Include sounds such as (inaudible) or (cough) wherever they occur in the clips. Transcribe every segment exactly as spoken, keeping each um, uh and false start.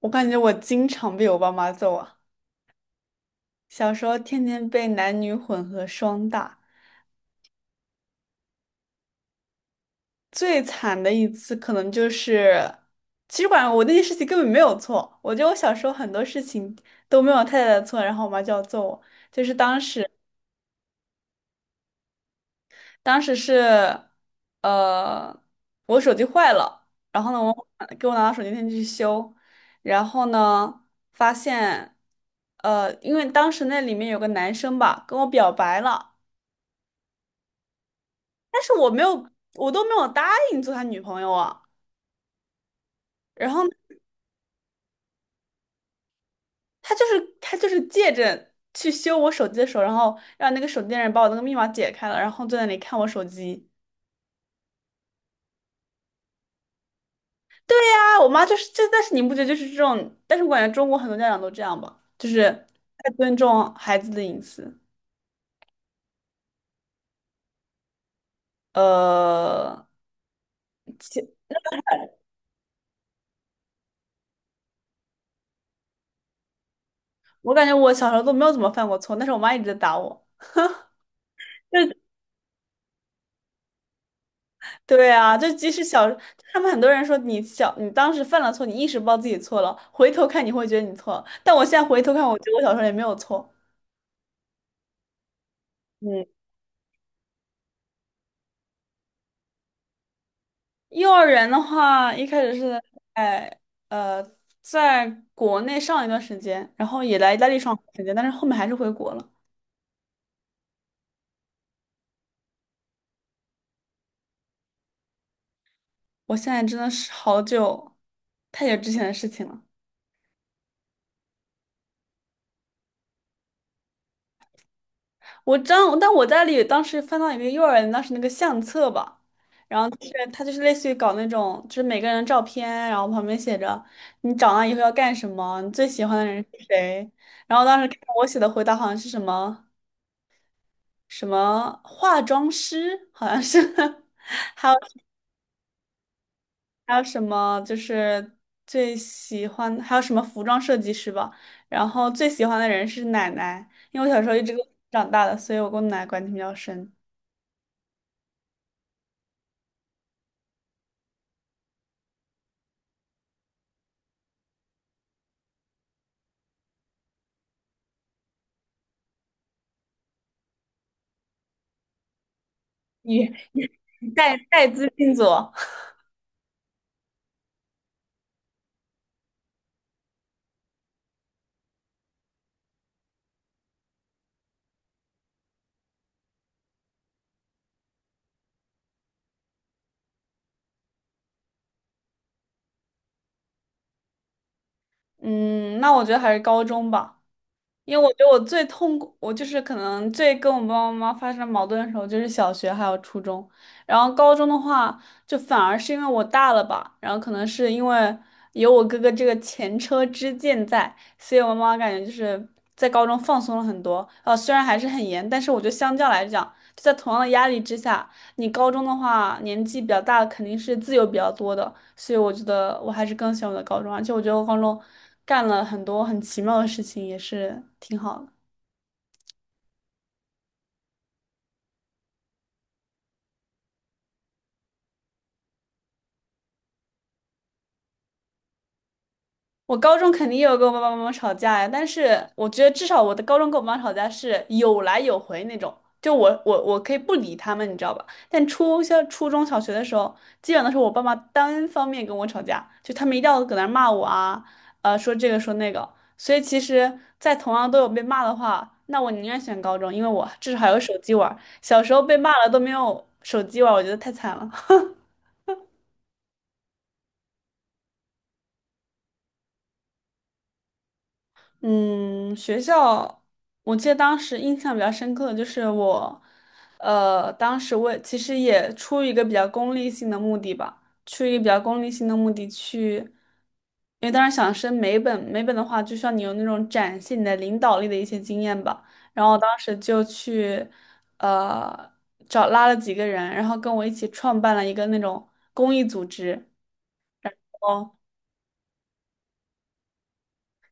我感觉我经常被我爸妈揍啊，小时候天天被男女混合双打，最惨的一次可能就是，其实管我那件事情根本没有错，我觉得我小时候很多事情都没有太大的错，然后我妈就要揍我，就是当时当时是，呃，我手机坏了，然后呢，我给我拿到手机店去修，然后呢，发现，呃，因为当时那里面有个男生吧，跟我表白了。但是我没有，我都没有答应做他女朋友啊。然后他就是他就是借着去修我手机的时候，然后让那个手机店人把我那个密码解开了，然后坐在那里看我手机。啊，我妈就是这，但是你不觉得就是这种？但是我感觉中国很多家长都这样吧，就是太尊重孩子的隐私。呃，其我感觉我小时候都没有怎么犯过错，但是我妈一直在打我。就是对啊，就即使小，他们很多人说你小，你当时犯了错，你意识不到自己错了，回头看你会觉得你错了。但我现在回头看，我觉得我小时候也没有错。嗯，幼儿园的话，一开始是在呃，在国内上了一段时间，然后也来意大利上了一段时间，但是后面还是回国了。我现在真的是好久，太久之前的事情了。我知道，但我家里当时翻到一个幼儿园当时那个相册吧，然后就是它就是类似于搞那种，就是每个人的照片，然后旁边写着你长大以后要干什么，你最喜欢的人是谁。然后当时看我写的回答好像是什么什么化妆师，好像是，(laughs) 还有还有什么就是最喜欢，还有什么服装设计师吧。然后最喜欢的人是奶奶，因为我小时候一直跟我奶奶长大的，所以我跟我奶奶关系比较深。你？带带资进组，嗯，那我觉得还是高中吧，因为我觉得我最痛苦，我就是可能最跟我爸爸妈妈发生矛盾的时候，就是小学还有初中，然后高中的话，就反而是因为我大了吧，然后可能是因为有我哥哥这个前车之鉴在，所以我妈妈感觉就是在高中放松了很多，呃，虽然还是很严，但是我觉得相较来讲。就在同样的压力之下，你高中的话年纪比较大，肯定是自由比较多的，所以我觉得我还是更喜欢我的高中，而且我觉得我高中干了很多很奇妙的事情，也是挺好的。我高中肯定也有跟我爸爸妈妈吵架呀，但是我觉得至少我的高中跟我妈吵架是有来有回那种，就我我我可以不理他们，你知道吧？但初小初中小学的时候，基本都是我爸妈单方面跟我吵架，就他们一定要搁那儿骂我啊，呃，说这个说那个。所以其实，在同样都有被骂的话，那我宁愿选高中，因为我至少还有手机玩儿小时候被骂了都没有手机玩儿我觉得太惨了。(laughs) 嗯，学校，我记得当时印象比较深刻的就是我，呃，当时我也其实也出于一个比较功利性的目的吧，出于一个比较功利性的目的去，因为当时想升美本，美本的话就需要你有那种展现你的领导力的一些经验吧，然后我当时就去，呃，找拉了几个人，然后跟我一起创办了一个那种公益组织。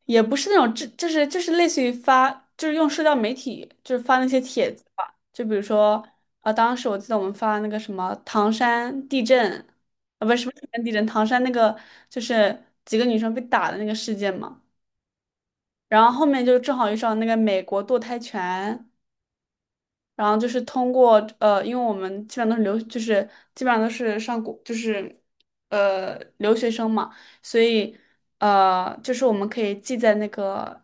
也不是那种，这就是就是类似于发，就是用社交媒体，就是发那些帖子吧。就比如说，啊，当时我记得我们发那个什么唐山地震，啊，不是什么唐山地震，唐山那个就是几个女生被打的那个事件嘛。然后后面就正好遇上那个美国堕胎权，然后就是通过呃，因为我们基本上都是留，就是基本上都是上国，就是呃留学生嘛，所以呃，就是我们可以既在那个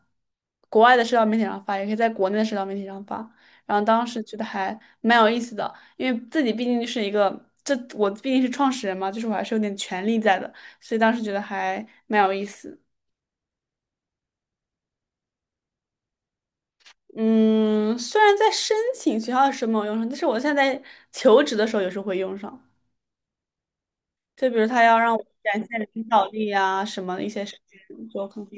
国外的社交媒体上发，也可以在国内的社交媒体上发。然后当时觉得还蛮有意思的，因为自己毕竟是一个，这我毕竟是创始人嘛，就是我还是有点权利在的，所以当时觉得还蛮有意思。嗯，虽然在申请学校的时候没有用上，但是我现在在求职的时候有时候会用上。就比如他要让我展现领导力啊，什么的一些事情，就可能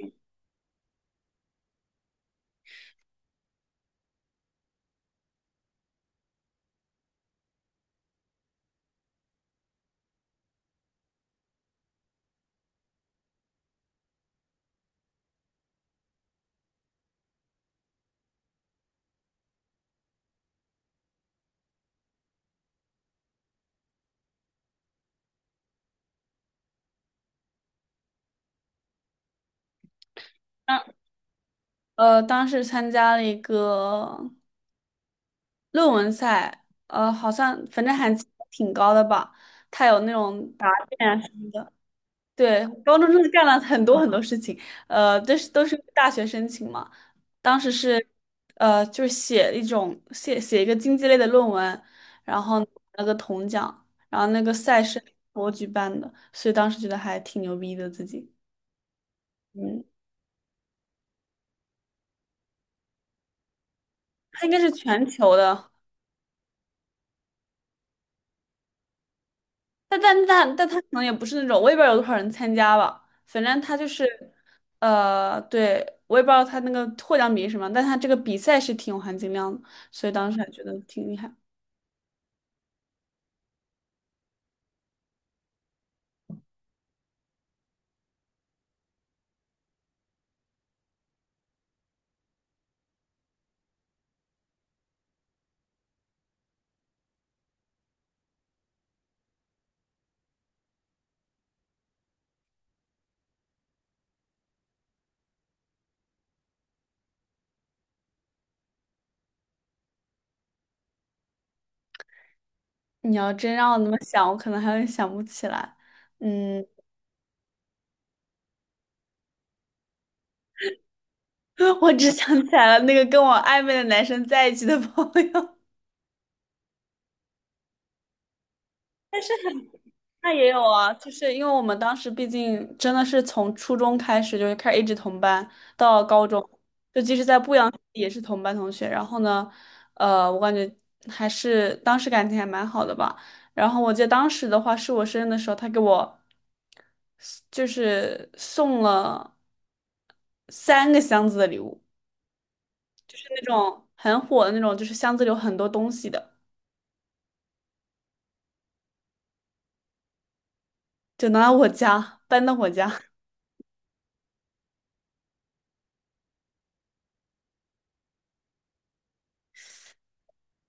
当呃当时参加了一个论文赛，呃，好像反正还挺高的吧。他有那种答辩啊什么的，对，高中真的干了很多很多事情，呃，都是都是大学申请嘛。当时是呃，就是写一种写写一个经济类的论文，然后拿了个铜奖，然后那个赛事我举办的，所以当时觉得还挺牛逼的自己。嗯，它应该是全球的，但但但但它可能也不是那种，我也不知道有多少人参加吧。反正它就是，呃，对，我也不知道它那个获奖比例是什么，但它这个比赛是挺有含金量的，所以当时还觉得挺厉害。你要真让我那么想，我可能还会想不起来。嗯，(laughs) 我只想起来了那个跟我暧昧的男生在一起的朋友。(laughs) 但是。那也有啊，就是因为我们当时毕竟真的是从初中开始，就是开始一直同班到高中，就即使在不阳也是同班同学。然后呢，呃，我感觉还是当时感情还蛮好的吧。然后我记得当时的话是我生日的时候，他给我就是送了三个箱子的礼物，就是那种很火的那种，就是箱子里有很多东西的，就拿到我家，搬到我家。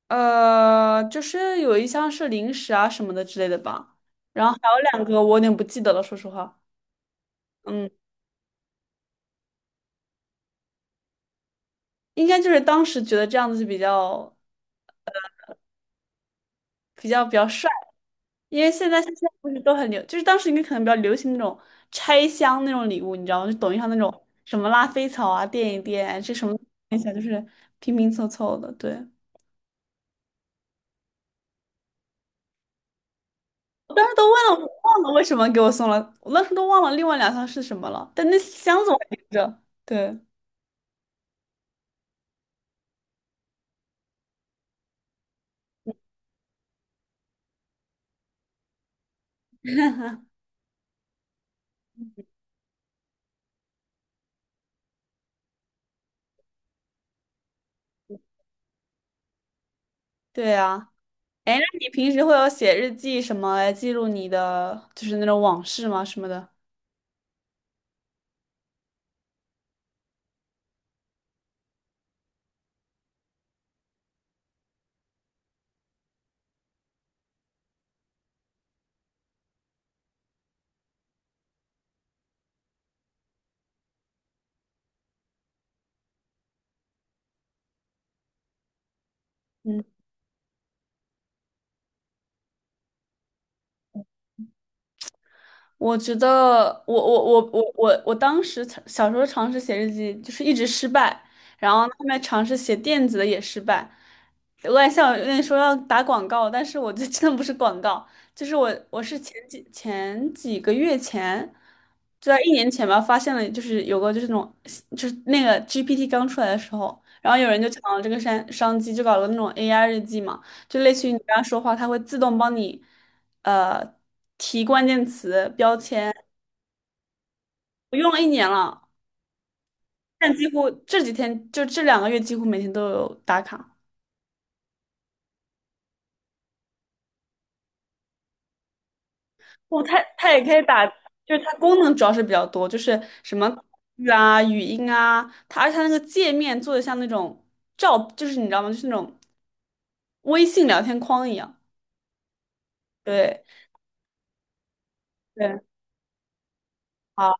呃，就是有一箱是零食啊什么的之类的吧，然后还有两个我有点不记得了，说实话，嗯，应该就是当时觉得这样子就比较比较比较帅，因为现在现在不是都很流，就是当时应该可能比较流行那种拆箱那种礼物，你知道吗？就抖音上那种什么拉菲草啊，垫一垫，这什么一下就是拼拼凑凑的，对。我当时都忘了，忘了为什么给我送了，我当时都忘了另外两箱是什么了，但那箱子我还留着。对，对啊。哎，那你平时会有写日记什么来记录你的，就是那种往事吗？什么的？我觉得我我我我我我当时尝小时候尝试写日记，就是一直失败，然后后面尝试写电子的也失败。我也想有点说要打广告，但是我这 (laughs) 真的不是广告，就是我我是前几前几个月前，就在一年前吧，发现了就是有个就是那种就是那个 G P T 刚出来的时候，然后有人就抢了这个商商机，就搞了那种 A I 日记嘛，就类似于你跟他说话，它会自动帮你。呃提关键词标签，我用了一年了，但几乎这几天就这两个月几乎每天都有打卡。哦，它它也可以打，就是它功能主要是比较多，就是什么口语啊、语音啊，它而且它那个界面做的像那种照，就是你知道吗？就是那种微信聊天框一样。对对，好，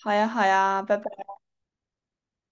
好呀，好呀，拜拜。